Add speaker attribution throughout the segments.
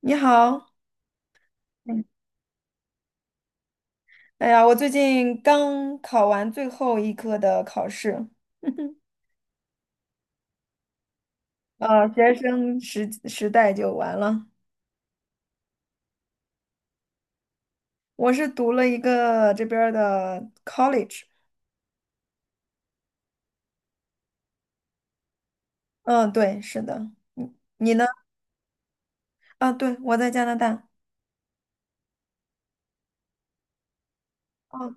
Speaker 1: 你好。嗯哎呀，我最近刚考完最后一科的考试。啊，学生时代就完了。我是读了一个这边儿的 college。嗯，对，是的。你你呢？啊，对，我在加拿大。哦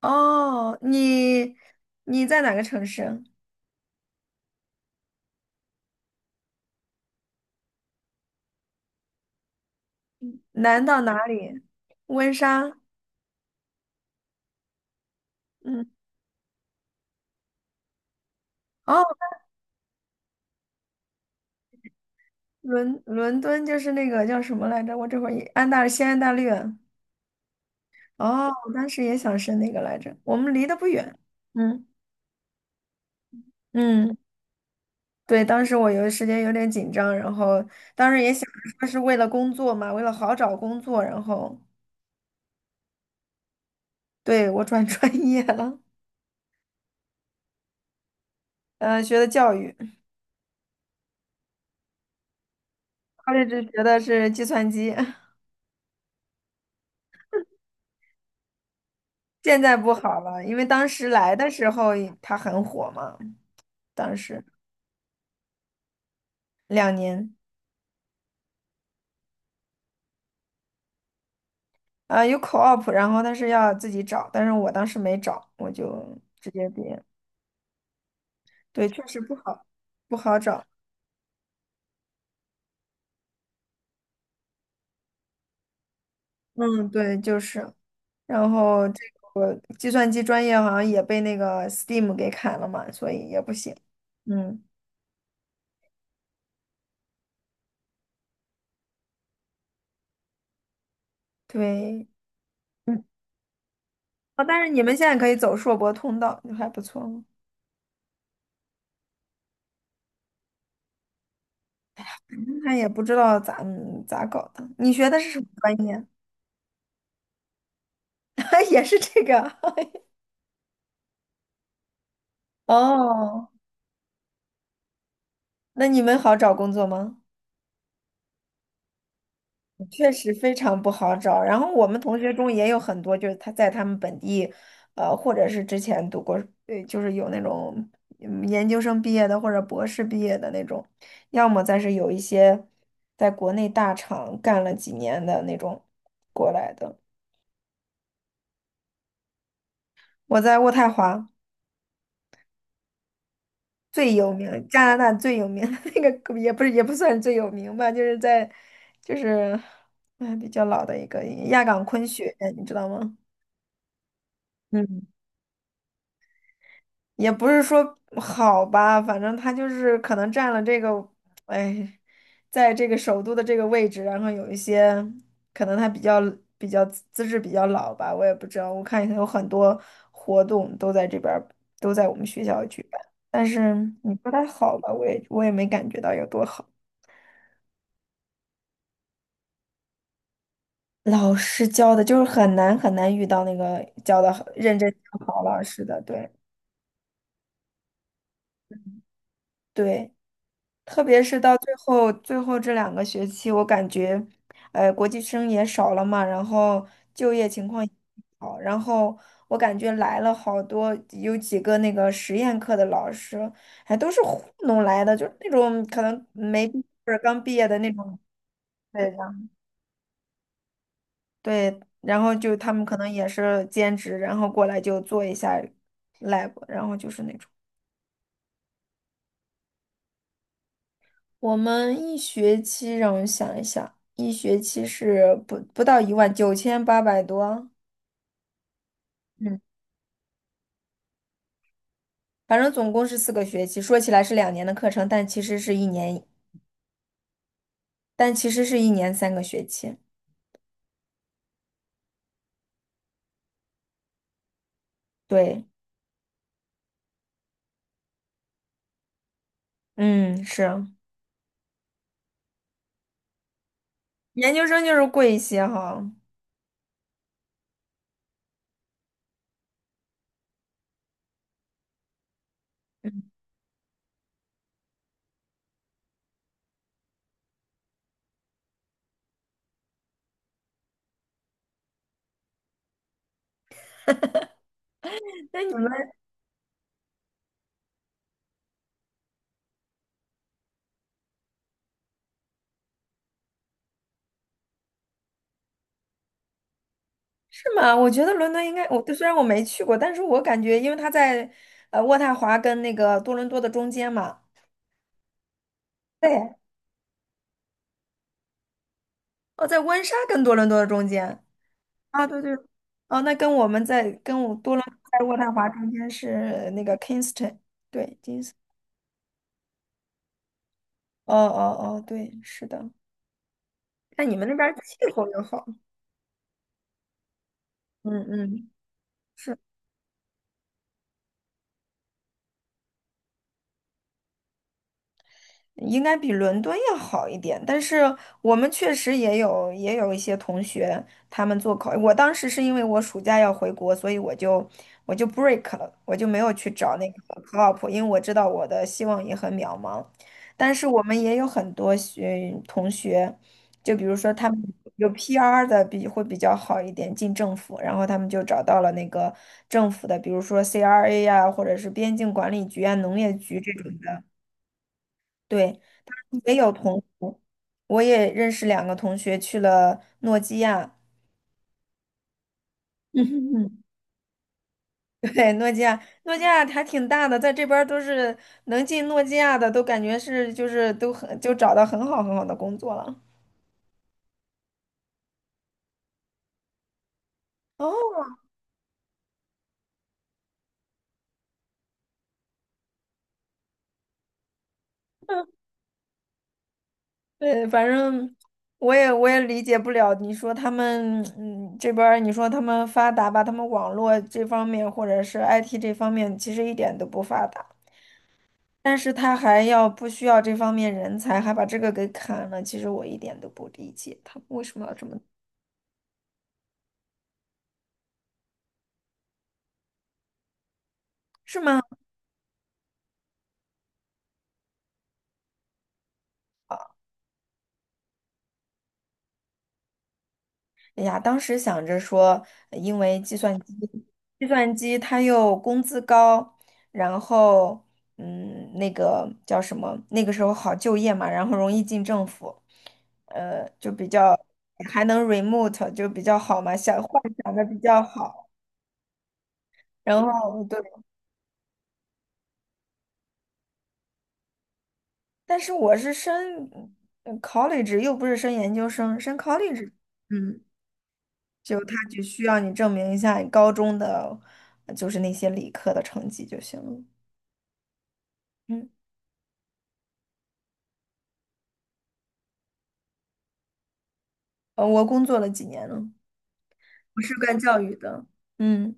Speaker 1: 哦，你在哪个城市啊？南到哪里？温莎？嗯。哦，伦敦就是那个叫什么来着？我这会儿也安大西安大略。哦，我当时也想申那个来着，我们离得不远。嗯嗯，对，当时我有时间有点紧张，然后当时也想着说是为了工作嘛，为了好找工作，然后对我转 专业了，呃，学的教育 c o l l e 学的是计算机，现在不好了，因为当时来的时候也它很火嘛，当时两年，啊有 co-op，然后但是要自己找，但是我当时没找，我就直接毕业，对，确实不好，不好找。嗯，对，就是，然后这个计算机专业好像也被那个 Steam 给砍了嘛，所以也不行。嗯，对，嗯，啊，但是你们现在可以走硕博通道，就还不错。他也不知道咋嗯咋搞的。你学的是什么专业？也是这个。哦，那你们好找工作吗？确实非常不好找。然后我们同学中也有很多，就是他在他们本地，呃，或者是之前读过，对，就是有那种研究生毕业的或者博士毕业的那种，要么再是有一些在国内大厂干了几年的那种过来的。我在渥太华最有名，加拿大最有名的 那个也不是也不算最有名吧，就是在就是哎比较老的一个亚岗昆学院你知道吗？嗯，也不是说好吧，反正他就是可能占了这个，哎，在这个首都的这个位置，然后有一些可能他比较比较资质比较老吧，我也不知道。我看有很多活动都在这边儿都在我们学校举办，但是你说它好吧，我也没感觉到有多好。老师教的就是很难很难遇到那个教的认真教好老师的，对对。特别是到最后这2个学期，我感觉，呃，国际生也少了嘛，然后就业情况也不好，然后我感觉来了好多，有几个那个实验课的老师，还都是糊弄来的，就是那种可能没毕业或者刚毕业的那种，对，然后对，然后就他们可能也是兼职，然后过来就做一下 lab,然后就是那种。我们一学期让我想一想，一学期是不到19800多。嗯，反正总共是4个学期。说起来是两年的课程，但其实是一年，但其实是1年3个学期。对，嗯，是研究生就是贵一些哈。嗯那你们是吗？我觉得伦敦应该，我虽然我没去过，但是我感觉，因为它在呃渥太华跟那个多伦多的中间嘛，对，哦，在温莎跟多伦多的中间。啊，对对，哦，那跟我们在跟我多伦多在渥太华中间是那个 Kingston,对金 i 哦哦哦对，是的。那你们那边儿气候又好，嗯嗯。是。应该比伦敦要好一点，但是我们确实也有也有一些同学，他们做考，我当时是因为我暑假要回国，所以我就我就 break 了，我就没有去找那个 co-op,因为我知道我的希望也很渺茫。但是我们也有很多学同学，就比如说他们有 PR 的比会比较好一点，进政府，然后他们就找到了那个政府的，比如说 CRA 呀、或者是边境管理局啊、农业局这种的，对。也有同学，我也认识2个同学去了诺基亚。嗯哼哼，对，诺基亚，诺基亚还挺大的，在这边儿都是能进诺基亚的，都感觉是就是都很就找到很好很好的工作了。哦，对，反正我也理解不了，你说他们这边儿你说他们发达吧，他们网络这方面或者是 IT 这方面其实一点都不发达。但是他还要不需要这方面人才，还把这个给砍了。其实我一点都不理解他为什么要这么，是吗？哎呀，当时想着说，呃因为计算机，计算机它又工资高，然后嗯，那个叫什么？那个时候好就业嘛，然后容易进政府，呃，就比较还能 remote,就比较好嘛，想幻想的比较好。然后对但是我是升college,又不是升研究生，升 college。 嗯，就他只需要你证明一下你高中的，呃就是那些理科的成绩就行了。嗯，呃，我工作了几年了，我是干教育的。嗯，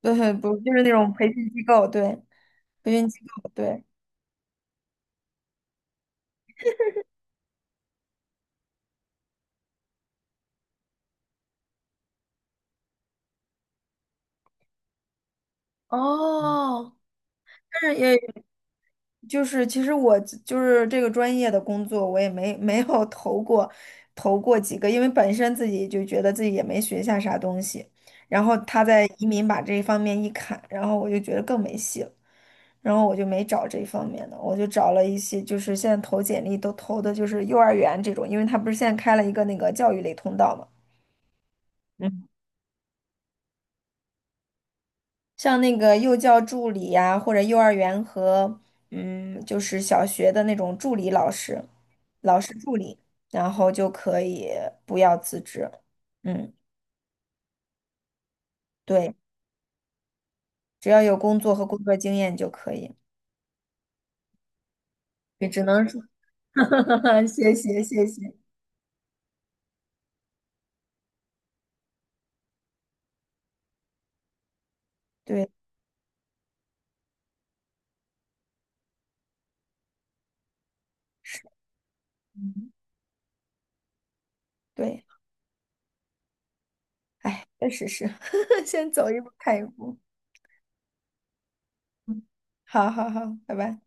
Speaker 1: 对，不就是那种培训机构，对，培训机构，对。哦，但是也就是其实我就是这个专业的工作，我也没有投过，投过几个，因为本身自己就觉得自己也没学下啥东西，然后他在移民把这一方面一砍，然后我就觉得更没戏了，然后我就没找这一方面的，我就找了一些就是现在投简历都投的就是幼儿园这种，因为他不是现在开了一个那个教育类通道嘛。像那个幼教助理呀、或者幼儿园和嗯，就是小学的那种助理老师，老师助理，然后就可以不要辞职。嗯，对，只要有工作和工作经验就可以。也只能说，谢谢谢谢。对，是，嗯，对，哎，确实是，先走一步看一步。嗯，好好好，拜拜。